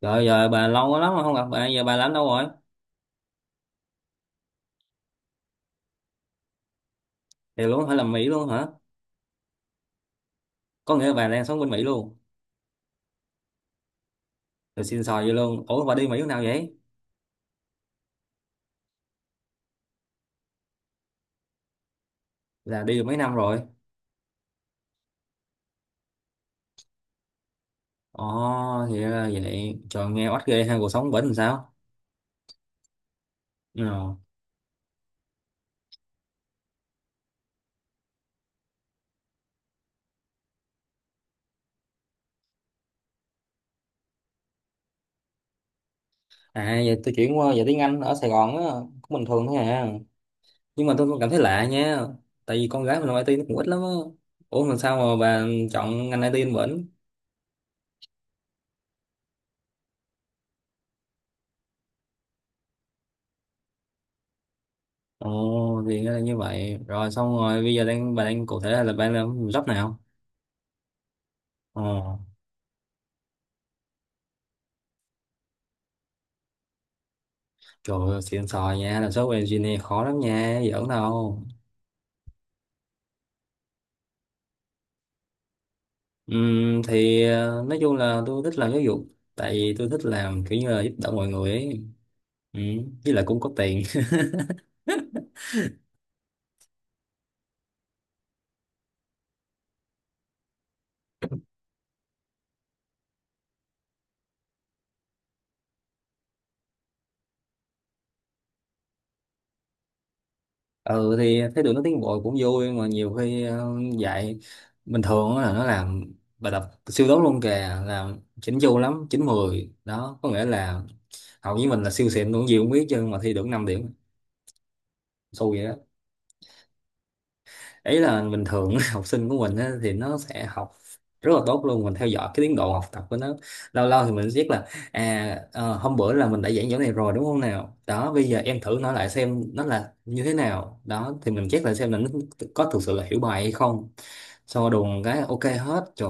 Rồi giờ bà lâu quá lắm rồi không gặp bà, giờ bà làm đâu rồi? Thì luôn phải làm Mỹ luôn hả? Có nghĩa là bà đang sống bên Mỹ luôn. Rồi xin xò vậy luôn. Ủa bà đi Mỹ lúc nào vậy? Là đi được mấy năm rồi. Ồ thì ra là vậy. Trời nghe oách ghê ha cuộc sống bển làm sao? Ừ. À giờ tôi chuyển qua giờ tiếng Anh ở Sài Gòn á, cũng bình thường thôi à. Nhưng mà tôi cũng cảm thấy lạ nha. Tại vì con gái mình làm IT nó cũng ít lắm á. Ủa mà sao mà bà chọn ngành IT bên bển? Ồ thì ra là như vậy. Rồi xong rồi bây giờ đang bà đang cụ thể là bà làm job nào? Ồ. Trời ơi, xịn sò nha, làm software engineer khó lắm nha, giỡn đâu. Nói chung là tôi thích làm giáo dục, tại vì tôi thích làm kiểu như là giúp đỡ mọi người ấy. Với lại cũng có tiền. Ừ thì thấy tụi nó tiến bộ cũng vui mà nhiều khi dạy bình thường á là nó làm bài tập siêu tốt luôn kìa, làm chỉnh chu lắm, 9 10 đó, có nghĩa là học với mình là siêu xịn luôn gì cũng biết chứ mà thi được 5 điểm, xui vậy đó. Ý là bình thường học sinh của mình á, thì nó sẽ học rất là tốt luôn, mình theo dõi cái tiến độ học tập của nó. Lâu lâu thì mình biết là à hôm bữa là mình đã giảng chỗ này rồi đúng không, nào đó bây giờ em thử nói lại xem nó là như thế nào đó thì mình check lại xem là nó có thực sự là hiểu bài hay không. Sau đùng cái ok hết trời,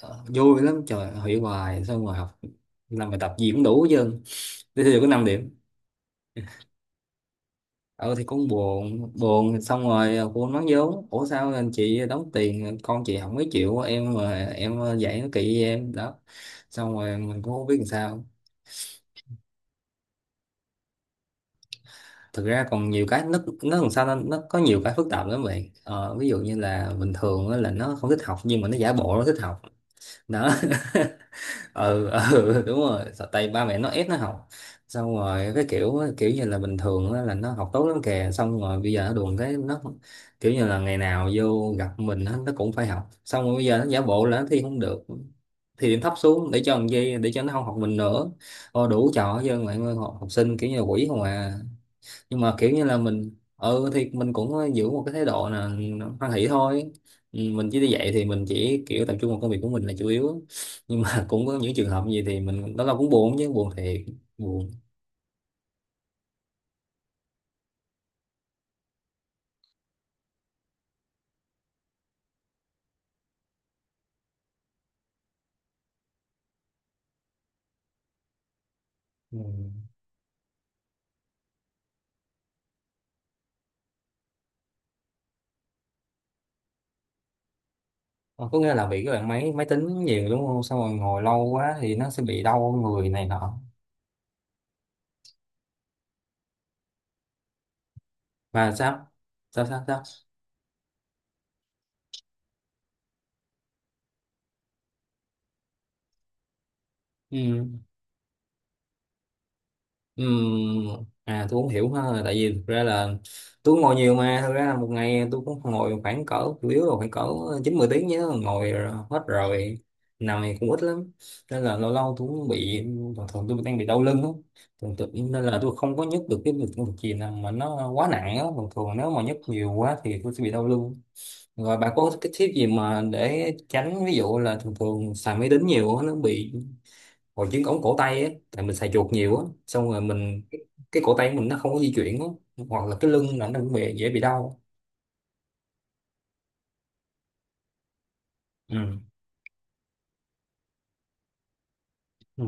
vui lắm trời, hiểu bài xong rồi học làm bài tập gì cũng đủ hết trơn, thế thì có 5 điểm. Ờ thì con buồn buồn xong rồi cô nói vốn ủa sao anh chị đóng tiền con chị không mấy chịu em mà em dạy nó kỵ với em đó. Xong rồi mình cũng không biết làm sao. Thực ra còn nhiều cái nó làm sao nó có nhiều cái phức tạp lắm vậy, ví dụ như là bình thường á là nó không thích học nhưng mà nó giả bộ nó thích học đó. Ừ, ừ đúng rồi. Sợ tay ba mẹ nó ép nó học xong rồi cái kiểu kiểu như là bình thường á, là nó học tốt lắm kìa xong rồi bây giờ nó đùn cái nó kiểu như là ngày nào vô gặp mình á, nó cũng phải học xong rồi bây giờ nó giả bộ là nó thi không được thì điểm thấp xuống để cho làm gì, để cho nó không học mình nữa. Ô, đủ trò chứ mọi người học, học sinh kiểu như là quỷ không à. Nhưng mà kiểu như là mình ừ thì mình cũng giữ một cái thái độ là hoan hỷ thôi. Ừ, mình chỉ đi dạy thì mình chỉ kiểu tập trung vào công việc của mình là chủ yếu, nhưng mà cũng có những trường hợp gì thì mình đó là cũng buồn chứ, buồn thiệt buồn. Ừ. Ờ, có nghĩa là bị cái bạn máy máy tính nhiều đúng không, xong rồi ngồi lâu quá thì nó sẽ bị đau người này nọ và sao sao. Ừ. Ừm, à tôi cũng hiểu ha, tại vì thực ra là tôi ngồi nhiều mà thực ra là một ngày tôi cũng ngồi khoảng cỡ chủ yếu là khoảng cỡ 9 10 tiếng nhớ, ngồi rồi- hết rồi, nằm thì cũng ít lắm nên là lâu lâu tôi cũng bị, thường thường tôi đang bị đau lưng á, thường thường nên là tôi không có nhấc được cái việc công việc gì nào mà nó quá nặng á, thường thường nếu mà nhấc nhiều quá thì tôi sẽ bị đau lưng. Rồi bà có cái tip gì mà để tránh ví dụ là thường thường xài máy tính nhiều á, nó bị hồi chứng ống cổ tay ấy, tại mình xài chuột nhiều á xong rồi mình cái cổ tay của mình nó không có di chuyển á, hoặc là cái lưng là nó cũng bị, dễ bị đau. Ừ. Ừ.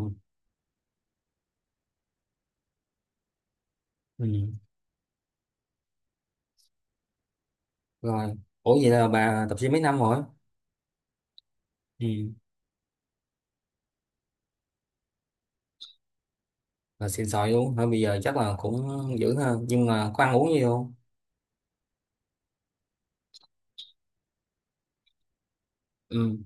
Ừ. Rồi ủa vậy là bà tập gym mấy năm rồi. Ừ. Là xịn sòi luôn thôi, bây giờ chắc là cũng dữ ha, nhưng mà có ăn uống gì không. Ừ.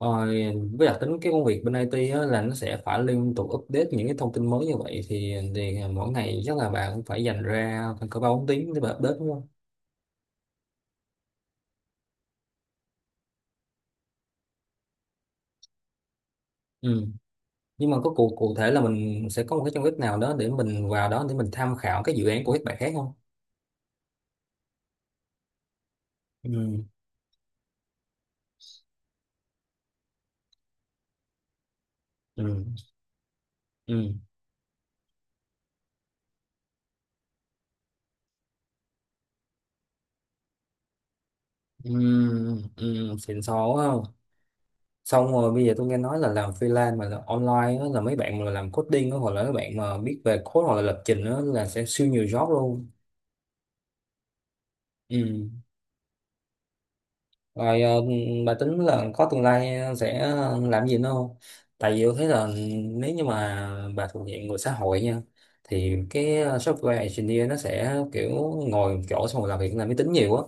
Rồi với đặc tính cái công việc bên IT á, là nó sẽ phải liên tục update những cái thông tin mới như vậy thì mỗi ngày chắc là bạn cũng phải dành ra khoảng cỡ 3 4 tiếng để bà update đúng không. Ừ. Nhưng mà có cụ cụ thể là mình sẽ có một cái trong web nào đó để mình vào đó để mình tham khảo cái dự án của các bạn khác không. Ừ ừ ừ. Ừ ừ. Xịn sò quá không. Xong rồi bây giờ tôi nghe nói là làm freelance mà là online đó, là mấy bạn mà làm coding đó, hoặc là mấy bạn mà biết về code hoặc là lập trình đó, là sẽ siêu nhiều job luôn. Ừ. Rồi bà tính là có tương lai sẽ làm gì nữa không? Tại vì tôi thấy là nếu như mà bà thuộc diện người xã hội nha thì cái software engineer nó sẽ kiểu ngồi một chỗ xong rồi làm việc làm máy tính nhiều á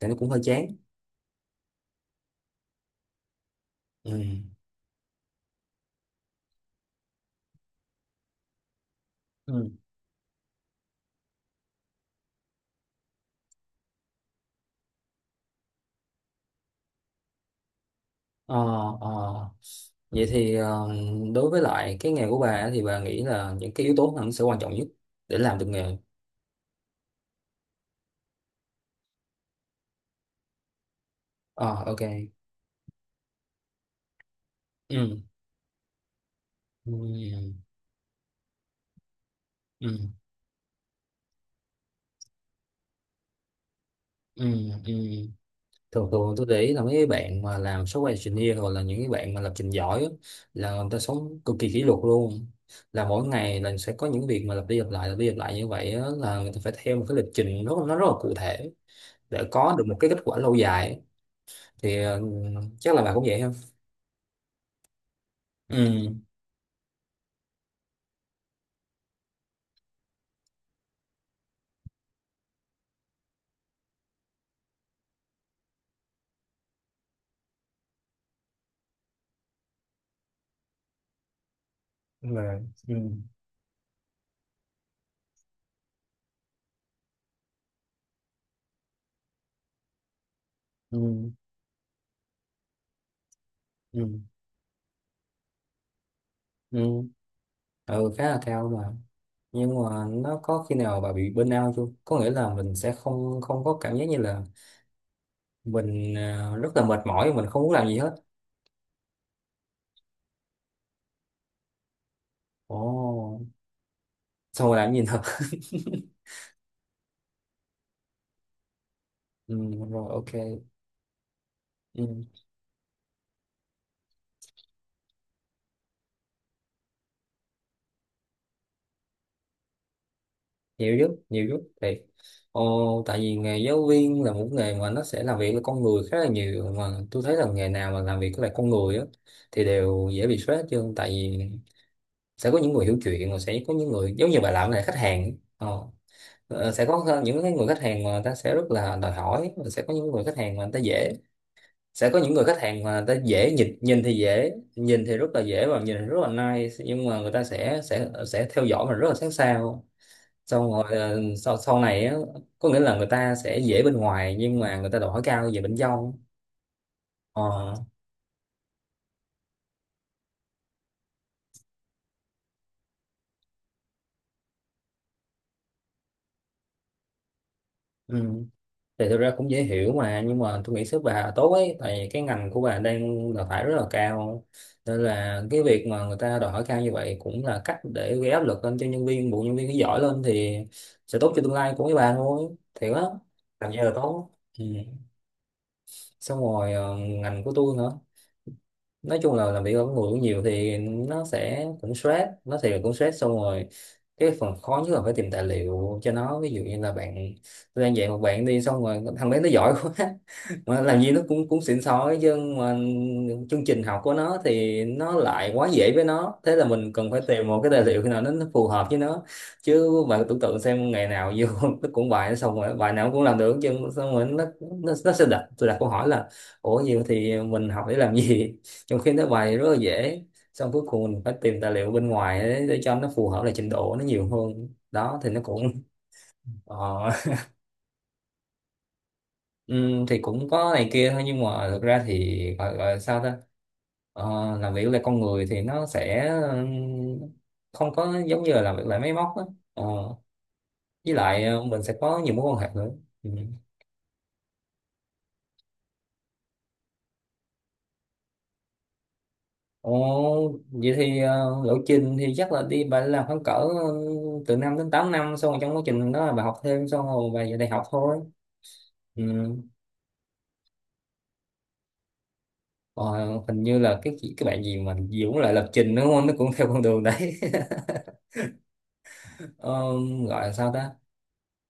thì nó cũng hơi chán. Ừ. Ừ. Ờ, ờ. Vậy thì đối với lại cái nghề của bà á, thì bà nghĩ là những cái yếu tố nào nó sẽ quan trọng nhất để làm được nghề? Ờ ok. Ừ. Ừ. Ừ. Ừ. Ừ. Ừ. Thường thường tôi để ý là mấy cái bạn mà làm software engineer hoặc là những cái bạn mà lập trình giỏi á, là người ta sống cực kỳ kỷ luật luôn, là mỗi ngày là sẽ có những việc mà lặp đi lặp lại lặp đi lặp lại như vậy á, là người ta phải theo một cái lịch trình rất nó rất là cụ thể để có được một cái kết quả lâu dài thì ừ, chắc là bạn cũng vậy không. Ừ. Đúng rồi. Ừ. Ừ ừ ừ. Ừ khá là cao mà, nhưng mà nó có khi nào bà bị burnout chưa, có nghĩa là mình sẽ không không có cảm giác như là mình rất là mệt mỏi, mình không muốn làm gì hết. Ồ, xong rồi làm gì nữa? Ừ, rồi ok. Ừ, nhiều giúp thì. Ồ, tại vì nghề giáo viên là một nghề mà nó sẽ làm việc với con người khá là nhiều, mà tôi thấy là nghề nào mà làm việc với lại con người á thì đều dễ bị stress hết trơn, tại vì sẽ có những người hiểu chuyện rồi sẽ có những người giống như bà làm này khách hàng sẽ có những cái người khách hàng mà người ta sẽ rất là đòi hỏi và sẽ có những người khách hàng mà người ta dễ, sẽ có những người khách hàng mà người ta dễ nhìn nhìn thì dễ, nhìn thì rất là dễ và nhìn thì rất là nice nhưng mà người ta sẽ theo dõi mình rất là sát sao, xong rồi sau sau này á, có nghĩa là người ta sẽ dễ bên ngoài nhưng mà người ta đòi hỏi cao về bên trong. Ờ. Ừ. Thì thực ra cũng dễ hiểu mà, nhưng mà tôi nghĩ sếp bà tốt ấy, tại vì cái ngành của bà đang đào thải rất là cao nên là cái việc mà người ta đòi hỏi cao như vậy cũng là cách để gây áp lực lên cho nhân viên, bộ nhân viên nó giỏi lên thì sẽ tốt cho tương lai của mấy bà thôi thiệt á. Làm gì là tốt. Ừ. Xong rồi ngành của tôi hả, nói chung là làm việc ở người cũng nhiều thì nó sẽ cũng stress, nó thì cũng stress. Xong rồi cái phần khó nhất là phải tìm tài liệu cho nó, ví dụ như là bạn, tôi đang dạy một bạn đi xong rồi thằng bé nó giỏi quá, mà làm gì nó cũng cũng xịn sói chứ, mà chương trình học của nó thì nó lại quá dễ với nó, thế là mình cần phải tìm một cái tài liệu nào nó phù hợp với nó, chứ bạn tưởng tượng xem ngày nào vô nó cũng bài xong rồi bài nào cũng làm được chứ, xong rồi nó sẽ đặt tôi đặt câu hỏi là ủa gì thì mình học để làm gì trong khi nó bài rất là dễ. Xong cuối cùng mình phải tìm tài liệu bên ngoài để cho nó phù hợp lại trình độ nó nhiều hơn đó thì nó cũng ờ, thì cũng có này kia thôi, nhưng mà thực ra thì gọi là sao ta. Ờ, làm việc là con người thì nó sẽ không có giống như là làm việc lại máy móc á. Ờ, với lại mình sẽ có nhiều mối quan hệ nữa. Ừ. Ồ, vậy thì lộ trình thì chắc là đi bà làm khoảng cỡ từ 5 đến 8 năm xong rồi trong quá trình đó là bà học thêm xong rồi bà về đại học thôi. Ừ. Ờ, hình như là cái chị- cái bạn gì mà Dũng lại lập trình đúng không, nó cũng theo con đường đấy. Ờ, gọi là sao ta,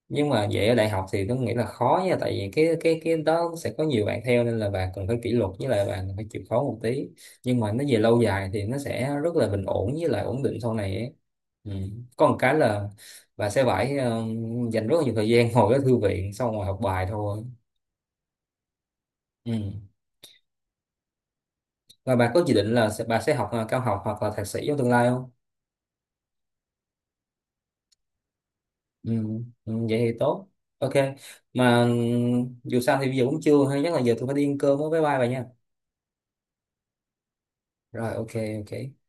nhưng mà vậy ở đại học thì tôi nghĩ là khó nha, tại vì cái đó sẽ có nhiều bạn theo nên là bạn cần phải kỷ luật với lại bạn phải chịu khó một tí, nhưng mà nó về lâu dài thì nó sẽ rất là bình ổn với lại ổn định sau này ấy. Ừ. Có một cái là bạn sẽ phải dành rất là nhiều thời gian ngồi ở thư viện xong rồi học bài thôi. Ừ. Và bà có dự định là sẽ, bà sẽ học cao học hoặc là thạc sĩ trong tương lai không. Ừ, ừ, vậy thì tốt. Ok. Mà ừ, dù sao thì bây giờ cũng trưa hay, chắc là giờ tôi phải đi ăn cơm với, bye bye bà nha. Rồi ok. Ok.